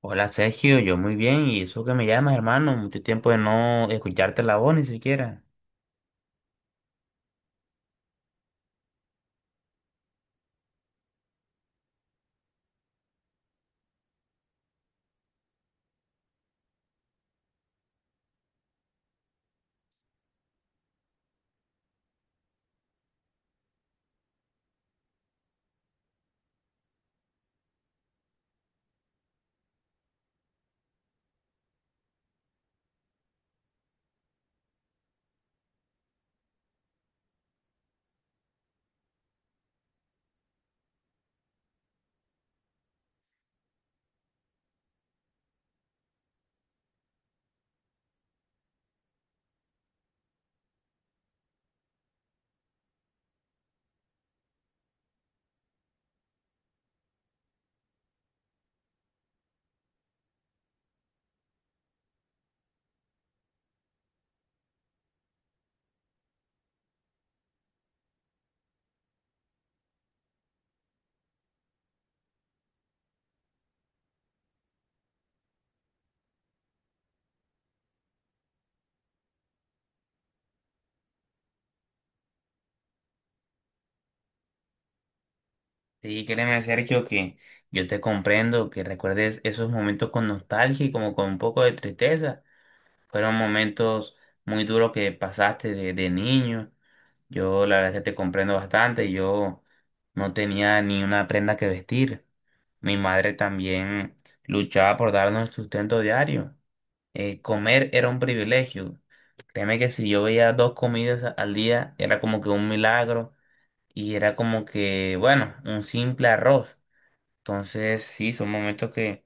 Hola Sergio, yo muy bien, y eso que me llamas, hermano, mucho tiempo de no escucharte la voz ni siquiera. Sí, créeme Sergio que yo te comprendo, que recuerdes esos momentos con nostalgia y como con un poco de tristeza. Fueron momentos muy duros que pasaste de niño. Yo la verdad que te comprendo bastante, yo no tenía ni una prenda que vestir. Mi madre también luchaba por darnos el sustento diario. Comer era un privilegio. Créeme que si yo veía dos comidas al día, era como que un milagro y era como que, bueno, un simple arroz. Entonces, sí, son momentos que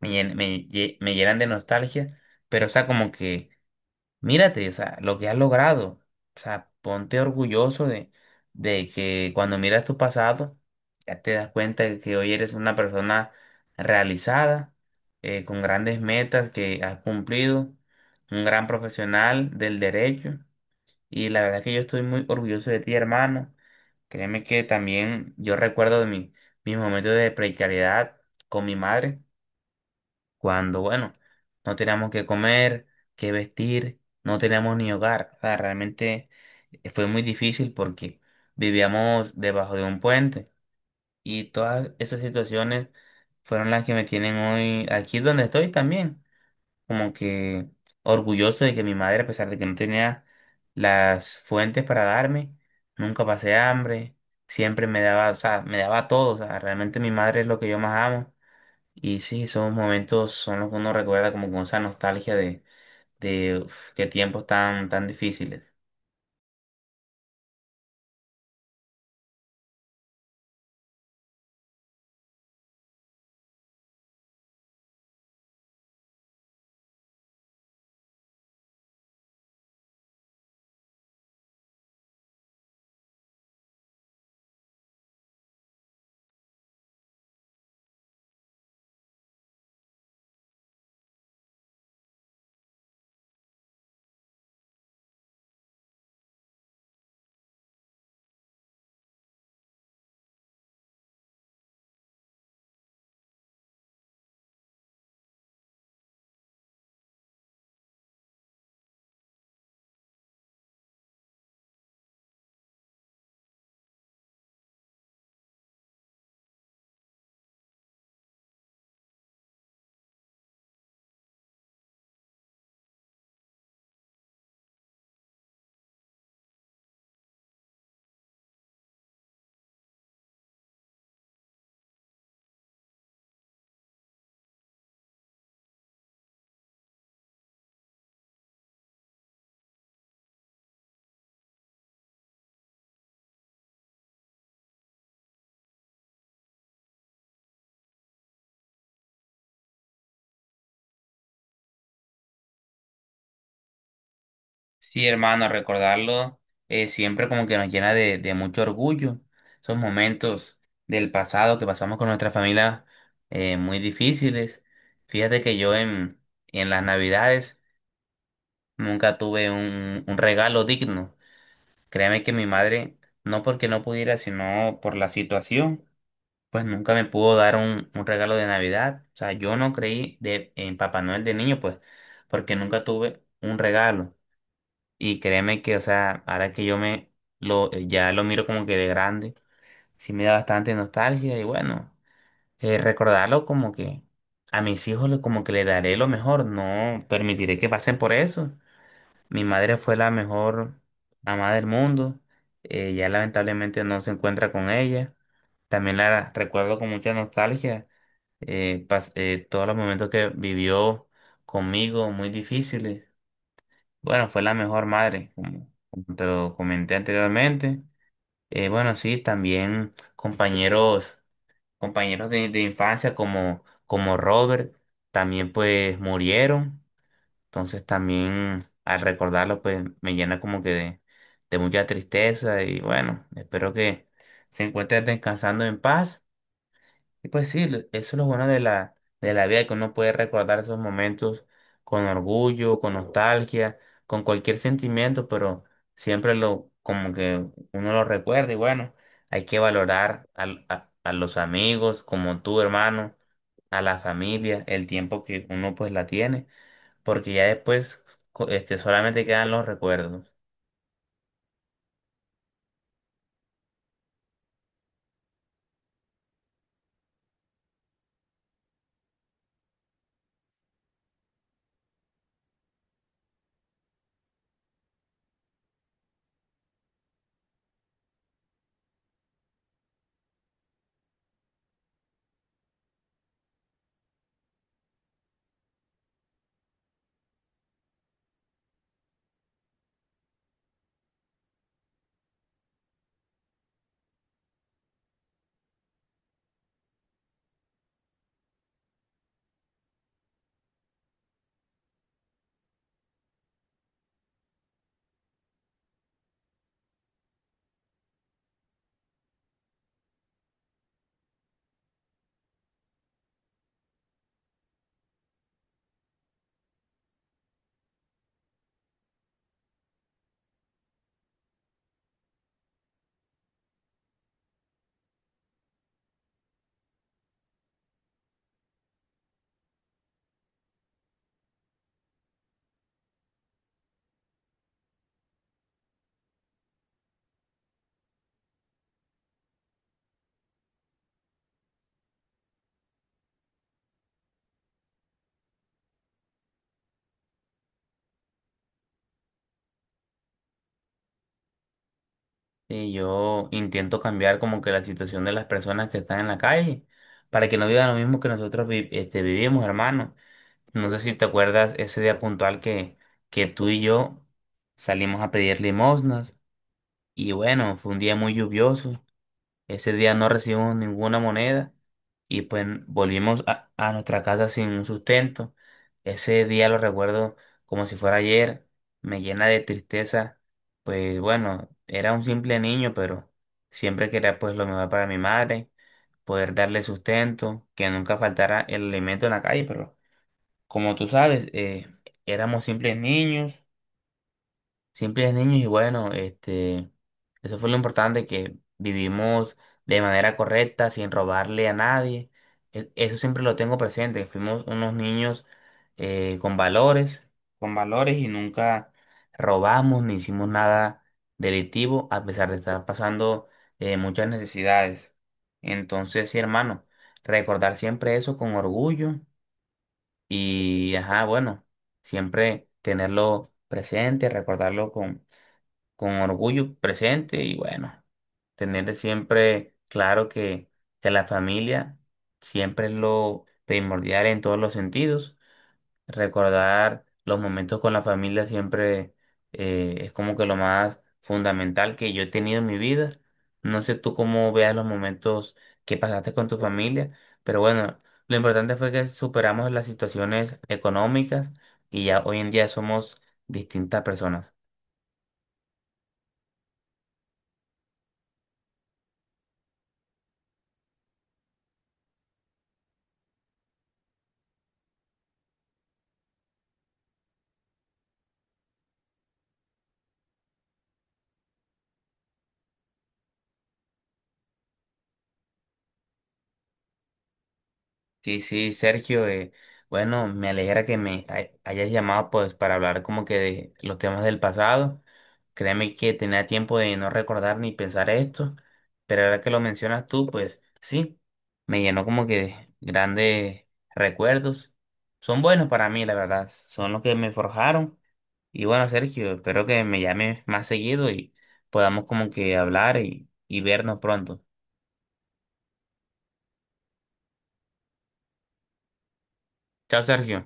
me llenan de nostalgia, pero, o sea, como que, mírate, o sea, lo que has logrado, o sea, ponte orgulloso de que cuando miras tu pasado, ya te das cuenta de que hoy eres una persona realizada, con grandes metas que has cumplido, un gran profesional del derecho. Y la verdad es que yo estoy muy orgulloso de ti, hermano. Créeme que también yo recuerdo de mis momentos de precariedad con mi madre, cuando, bueno, no teníamos que comer, que vestir, no teníamos ni hogar. O sea, realmente fue muy difícil porque vivíamos debajo de un puente y todas esas situaciones fueron las que me tienen hoy aquí donde estoy también como que orgulloso de que mi madre, a pesar de que no tenía las fuentes para darme, nunca pasé hambre, siempre me daba, o sea, me daba todo, o sea, realmente mi madre es lo que yo más amo. Y sí, esos momentos son los que uno recuerda como con esa nostalgia de uf, qué tiempos tan difíciles. Sí, hermano, recordarlo siempre como que nos llena de mucho orgullo. Esos momentos del pasado que pasamos con nuestra familia muy difíciles. Fíjate que yo en las Navidades nunca tuve un regalo digno. Créeme que mi madre, no porque no pudiera, sino por la situación, pues nunca me pudo dar un regalo de Navidad. O sea, yo no creí en Papá Noel de niño, pues, porque nunca tuve un regalo. Y créeme que, o sea, ahora que yo me lo ya lo miro como que de grande, sí me da bastante nostalgia y bueno, recordarlo como que a mis hijos como que le daré lo mejor, no permitiré que pasen por eso. Mi madre fue la mejor mamá del mundo, ya lamentablemente no se encuentra con ella. También la recuerdo con mucha nostalgia, todos los momentos que vivió conmigo muy difíciles, bueno, fue la mejor madre, como, como te lo comenté anteriormente. Bueno, sí, también compañeros de infancia como, como Robert, también pues murieron. Entonces también al recordarlo pues me llena como que de mucha tristeza y bueno, espero que se encuentren descansando en paz. Y pues sí, eso es lo bueno de la vida, que uno puede recordar esos momentos con orgullo, con nostalgia, con cualquier sentimiento, pero siempre lo, como que uno lo recuerda y bueno, hay que valorar a los amigos como tu hermano, a la familia, el tiempo que uno pues la tiene, porque ya después solamente quedan los recuerdos. Y yo intento cambiar como que la situación de las personas que están en la calle para que no vivan lo mismo que nosotros vivimos, hermano. No sé si te acuerdas ese día puntual que tú y yo salimos a pedir limosnas y bueno, fue un día muy lluvioso, ese día no recibimos ninguna moneda y pues volvimos a nuestra casa sin un sustento. Ese día lo recuerdo como si fuera ayer, me llena de tristeza. Pues bueno, era un simple niño, pero siempre quería pues lo mejor para mi madre, poder darle sustento, que nunca faltara el alimento en la calle, pero como tú sabes, éramos simples niños. Siempre es niños y bueno, este, eso fue lo importante, que vivimos de manera correcta, sin robarle a nadie. Eso siempre lo tengo presente, que fuimos unos niños eh, con valores, con valores y nunca robamos ni hicimos nada delictivo a pesar de estar pasando muchas necesidades. Entonces, sí, hermano, recordar siempre eso con orgullo y, ajá, bueno, siempre tenerlo presente, recordarlo con orgullo presente y bueno, tener siempre claro que la familia siempre es lo primordial en todos los sentidos. Recordar los momentos con la familia siempre es como que lo más fundamental que yo he tenido en mi vida. No sé tú cómo veas los momentos que pasaste con tu familia, pero bueno, lo importante fue que superamos las situaciones económicas y ya hoy en día somos distintas personas. Sí, sí, Sergio, bueno, me alegra que me hayas llamado pues para hablar como que de los temas del pasado. Créeme que tenía tiempo de no recordar ni pensar esto, pero ahora que lo mencionas tú, pues sí, me llenó como que de grandes recuerdos. Son buenos para mí, la verdad, son los que me forjaron. Y bueno, Sergio, espero que me llames más seguido y podamos como que hablar y vernos pronto. Chao, Sergio.